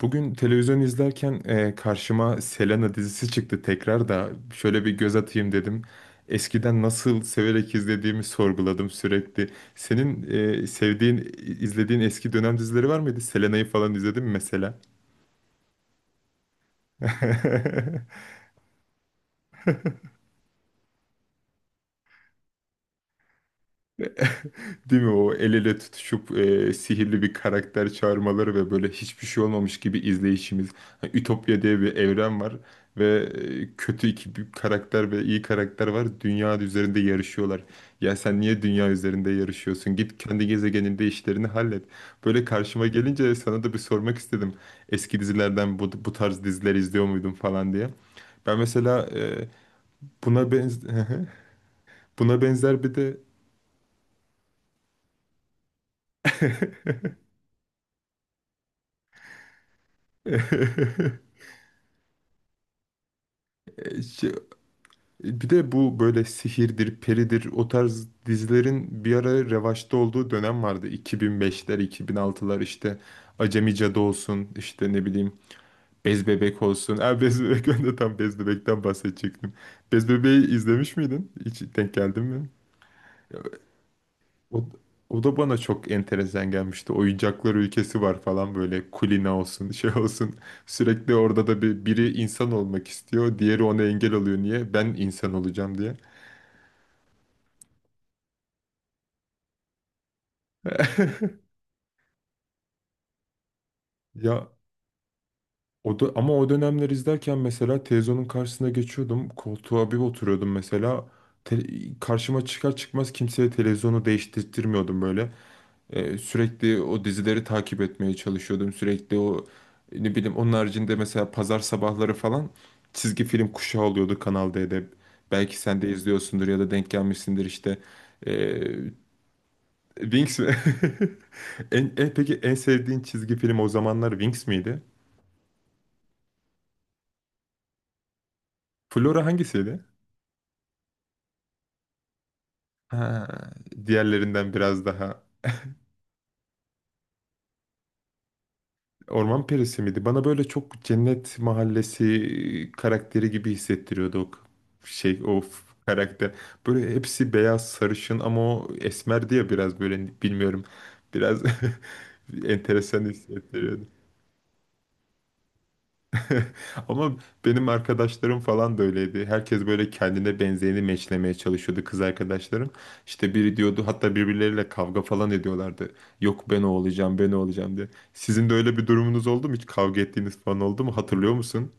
Bugün televizyon izlerken karşıma Selena dizisi çıktı tekrar da şöyle bir göz atayım dedim. Eskiden nasıl severek izlediğimi sorguladım sürekli. Senin sevdiğin, izlediğin eski dönem dizileri var mıydı? Selena'yı falan izledin mi mesela? Değil mi o el ele tutuşup sihirli bir karakter çağırmaları ve böyle hiçbir şey olmamış gibi izleyişimiz. Hani Ütopya diye bir evren var ve kötü iki bir karakter ve iyi karakter var. Dünya üzerinde yarışıyorlar. Ya sen niye dünya üzerinde yarışıyorsun? Git kendi gezegeninde işlerini hallet. Böyle karşıma gelince sana da bir sormak istedim. Eski dizilerden bu tarz diziler izliyor muydun falan diye. Ben mesela buna benz buna benzer bir de E, şey- Bir de bu böyle sihirdir, peridir o tarz dizilerin bir ara revaçta olduğu dönem vardı. 2005'ler, 2006'lar işte Acemi Cadı olsun, işte ne bileyim Bez Bebek olsun. Ha, Bez Bebek ben de tam Bez Bebek'ten bahsedecektim. Bez Bebek'i izlemiş miydin? Hiç denk geldin mi? O, o da bana çok enteresan gelmişti. Oyuncaklar ülkesi var falan böyle kulina olsun şey olsun. Sürekli orada da biri insan olmak istiyor. Diğeri ona engel oluyor. Niye? Ben insan olacağım diye. Ya o da, ama o dönemler izlerken mesela televizyonun karşısına geçiyordum. Koltuğa bir oturuyordum mesela. Te- Karşıma çıkar çıkmaz kimseye televizyonu değiştirtmiyordum böyle. Sürekli o dizileri takip etmeye çalışıyordum. Sürekli o ne bileyim onun haricinde mesela pazar sabahları falan çizgi film kuşağı oluyordu Kanal D'de. Belki sen de izliyorsundur ya da denk gelmişsindir işte. Ee, Wings mi? Peki en sevdiğin çizgi film o zamanlar Wings miydi? Flora hangisiydi? Ha, diğerlerinden biraz daha Orman Perisi miydi? Bana böyle çok Cennet Mahallesi karakteri gibi hissettiriyordu şey karakter. Böyle hepsi beyaz sarışın ama o esmerdi ya biraz böyle bilmiyorum. Biraz enteresan hissettiriyordu. Ama benim arkadaşlarım falan da öyleydi. Herkes böyle kendine benzeyeni meçlemeye çalışıyordu kız arkadaşlarım. İşte biri diyordu hatta birbirleriyle kavga falan ediyorlardı. Yok ben o olacağım ben o olacağım diye. Sizin de öyle bir durumunuz oldu mu? Hiç kavga ettiğiniz falan oldu mu? Hatırlıyor musun?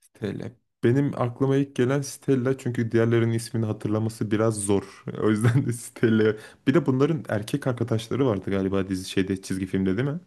Stella. Benim aklıma ilk gelen Stella çünkü diğerlerinin ismini hatırlaması biraz zor. O yüzden de Stella. Bir de bunların erkek arkadaşları vardı galiba dizi şeyde çizgi filmde değil mi?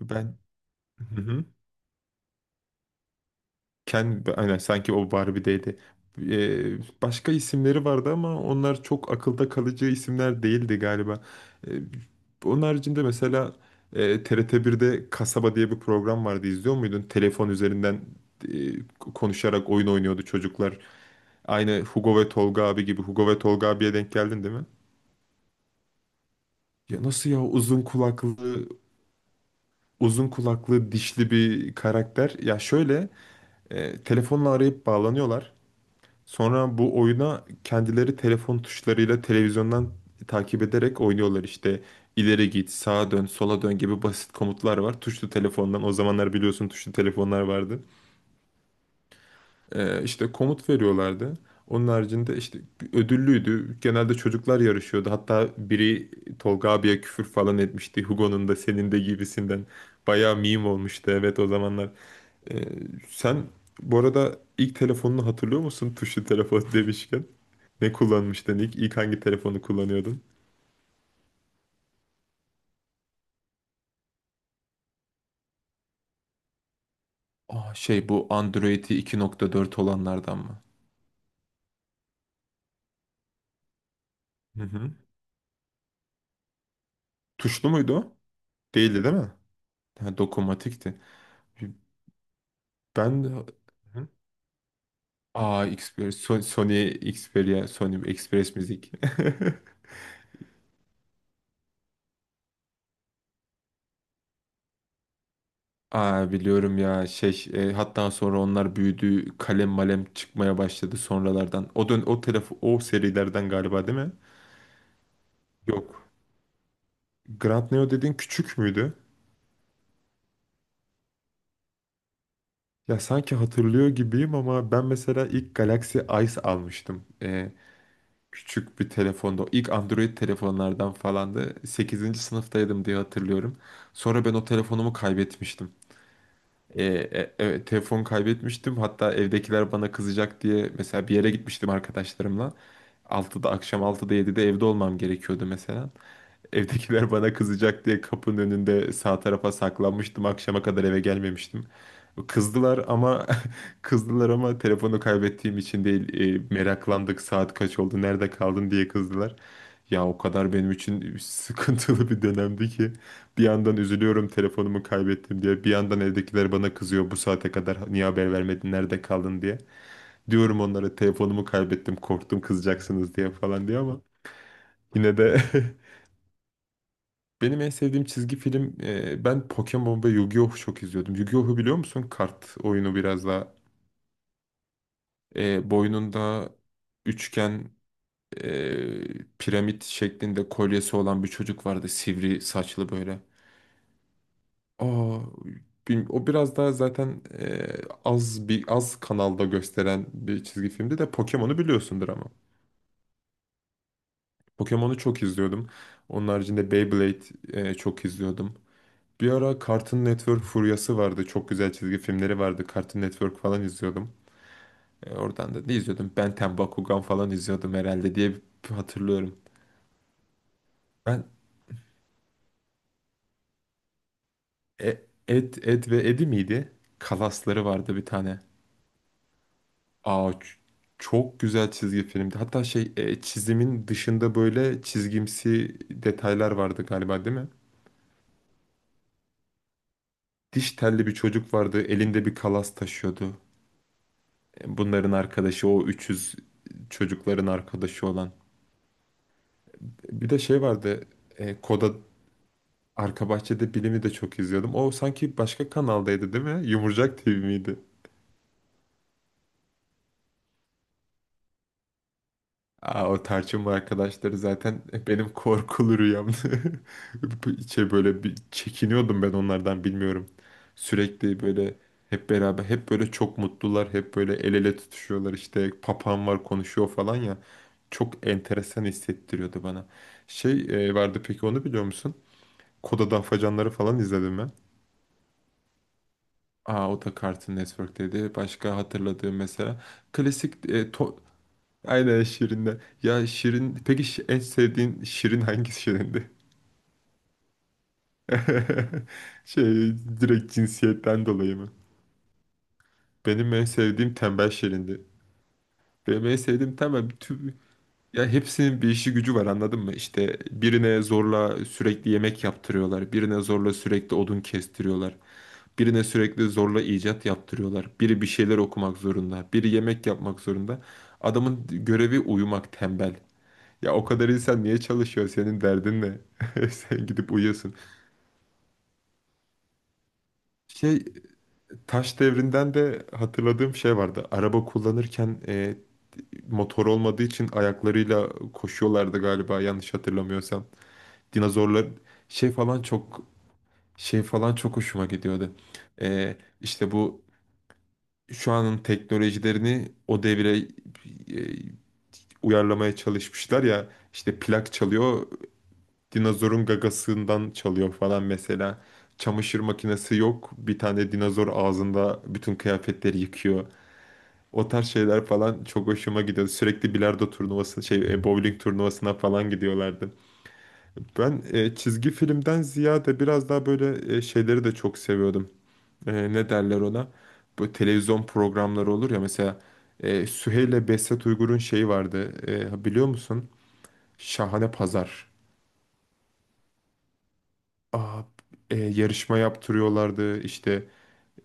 Ben... aynen sanki o Barbie'deydi. Başka isimleri vardı ama onlar çok akılda kalıcı isimler değildi galiba. Ee, Onun haricinde mesela TRT birde Kasaba diye bir program vardı. İzliyor muydun? Telefon üzerinden e, konuşarak oyun oynuyordu çocuklar. Aynı Hugo ve Tolga abi gibi. Hugo ve Tolga abiye denk geldin değil mi? Ya nasıl ya uzun kulaklı uzun kulaklı dişli bir karakter. Ya şöyle telefonla arayıp bağlanıyorlar. Sonra bu oyuna kendileri telefon tuşlarıyla televizyondan takip ederek oynuyorlar işte. İleri git, sağa dön, sola dön gibi basit komutlar var. Tuşlu telefondan o zamanlar biliyorsun tuşlu telefonlar vardı. İşte komut veriyorlardı. Onun haricinde işte ödüllüydü. Genelde çocuklar yarışıyordu. Hatta biri Tolga abiye küfür falan etmişti. Hugo'nun da senin de gibisinden. Bayağı meme olmuştu, evet, o zamanlar. Ee, Sen bu arada ilk telefonunu hatırlıyor musun tuşlu telefon demişken? Ne kullanmıştın ilk? İlk hangi telefonu kullanıyordun? Aa, şey, bu Android'i 2.4 olanlardan mı? Hı hı. Tuşlu muydu o? Değildi değil mi? Ha, dokunmatikti. Ben... Hı. Xperia, Sony Xperia, Sony Express Müzik. Aa, biliyorum ya şey hatta sonra onlar büyüdü kalem malem çıkmaya başladı sonralardan. O telefon o serilerden galiba değil mi? Yok. Grand Neo dediğin küçük müydü? Ya sanki hatırlıyor gibiyim ama ben mesela ilk Galaxy Ice almıştım. Küçük bir telefonda. O İlk Android telefonlardan falandı. Sekizinci sınıftaydım diye hatırlıyorum. Sonra ben o telefonumu kaybetmiştim. Evet, telefon kaybetmiştim. Hatta evdekiler bana kızacak diye mesela bir yere gitmiştim arkadaşlarımla. Akşam 6'da 7'de evde olmam gerekiyordu mesela. Evdekiler bana kızacak diye kapının önünde sağ tarafa saklanmıştım. Akşama kadar eve gelmemiştim. Kızdılar ama kızdılar ama telefonu kaybettiğim için değil. Meraklandık saat kaç oldu, nerede kaldın diye kızdılar. Ya o kadar benim için sıkıntılı bir dönemdi ki bir yandan üzülüyorum telefonumu kaybettim diye bir yandan evdekiler bana kızıyor bu saate kadar niye haber vermedin nerede kaldın diye. Diyorum onlara telefonumu kaybettim korktum kızacaksınız diye falan diye ama yine de Benim en sevdiğim çizgi film ben Pokemon ve Yu-Gi-Oh çok izliyordum. Yu-Gi-Oh'u biliyor musun? Kart oyunu biraz daha boynunda üçgen piramit şeklinde kolyesi olan bir çocuk vardı. Sivri saçlı böyle. Aa, o biraz daha zaten az bir az kanalda gösteren bir çizgi filmdi de Pokemon'u biliyorsundur ama. Pokemon'u çok izliyordum. Onun haricinde Beyblade çok izliyordum. Bir ara Cartoon Network furyası vardı. Çok güzel çizgi filmleri vardı. Cartoon Network falan izliyordum. Oradan da ne izliyordum? Ben 10, Bakugan falan izliyordum herhalde diye hatırlıyorum. Ben e, Ed, Ed ve Eddie miydi? Kalasları vardı bir tane. Aa, çok güzel çizgi filmdi. Hatta şey çizimin dışında böyle çizgimsi detaylar vardı galiba değil mi? Diş telli bir çocuk vardı. Elinde bir kalas taşıyordu. Bunların arkadaşı o 300 çocukların arkadaşı olan. Bir de şey vardı. E, Koda Arka Bahçede Bilim'i de çok izliyordum. O sanki başka kanaldaydı değil mi? Yumurcak TV miydi? Aa, o tarçınlı arkadaşları zaten benim korkulu rüyamdı. Şey böyle bir çekiniyordum ben onlardan bilmiyorum. Sürekli böyle hep beraber hep böyle çok mutlular. Hep böyle el ele tutuşuyorlar işte papağan var konuşuyor falan ya. Çok enteresan hissettiriyordu bana. Şey vardı peki onu biliyor musun? Koda Afacanları falan izledim mi? Aa, o da Cartoon Network'teydi. Başka hatırladığım mesela. Klasik e, to- Aynen Şirin'de. Ya Şirin... Peki en sevdiğin Şirin hangisi Şirin'di? Şey, direkt cinsiyetten dolayı mı? Benim en sevdiğim tembel Şirin'di. Benim en sevdiğim tembel tüm... Ya hepsinin bir işi gücü var anladın mı? İşte birine zorla sürekli yemek yaptırıyorlar. Birine zorla sürekli odun kestiriyorlar. Birine sürekli zorla icat yaptırıyorlar. Biri bir şeyler okumak zorunda. Biri yemek yapmak zorunda. Adamın görevi uyumak tembel. Ya o kadar insan niye çalışıyor? Senin derdin ne? Sen gidip uyuyorsun. Şey taş devrinden de hatırladığım şey vardı. Araba kullanırken motor olmadığı için ayaklarıyla koşuyorlardı galiba yanlış hatırlamıyorsam. Dinozorlar şey falan çok şey falan çok hoşuma gidiyordu. İşte bu şu anın teknolojilerini o devire uyarlamaya çalışmışlar ya işte plak çalıyor dinozorun gagasından çalıyor falan mesela çamaşır makinesi yok bir tane dinozor ağzında bütün kıyafetleri yıkıyor o tarz şeyler falan çok hoşuma gidiyor sürekli bilardo turnuvası şey bowling turnuvasına falan gidiyorlardı ben çizgi filmden ziyade biraz daha böyle şeyleri de çok seviyordum ne derler ona? Bu televizyon programları olur ya mesela Süheyl Besset Uygur'un şeyi vardı. Biliyor musun? Şahane Pazar. Aa, yarışma yaptırıyorlardı. İşte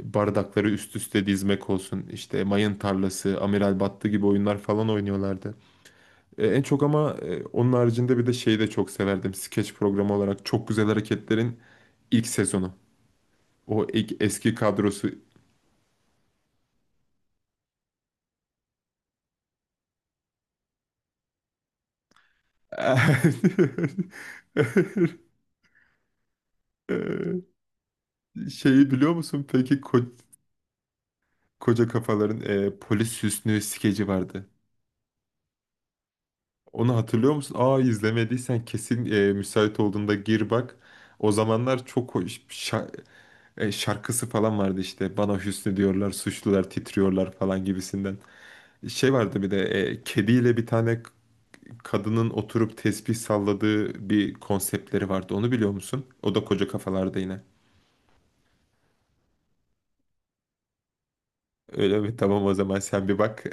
bardakları üst üste dizmek olsun. İşte mayın tarlası, Amiral Battı gibi oyunlar falan oynuyorlardı. En çok ama onun haricinde bir de şeyi de çok severdim. Skeç programı olarak Çok Güzel Hareketler'in ilk sezonu. O ilk eski kadrosu. Şeyi biliyor musun? Peki koca kafaların polis Hüsnü skeci vardı. Onu hatırlıyor musun? Aa, izlemediysen kesin müsait olduğunda gir bak. O zamanlar çok şarkısı falan vardı işte. Bana Hüsnü diyorlar, suçlular titriyorlar falan gibisinden. Şey vardı bir de kediyle bir tane kadının oturup tesbih salladığı bir konseptleri vardı. Onu biliyor musun? O da koca kafalarda yine. Öyle mi? Tamam o zaman sen bir bak.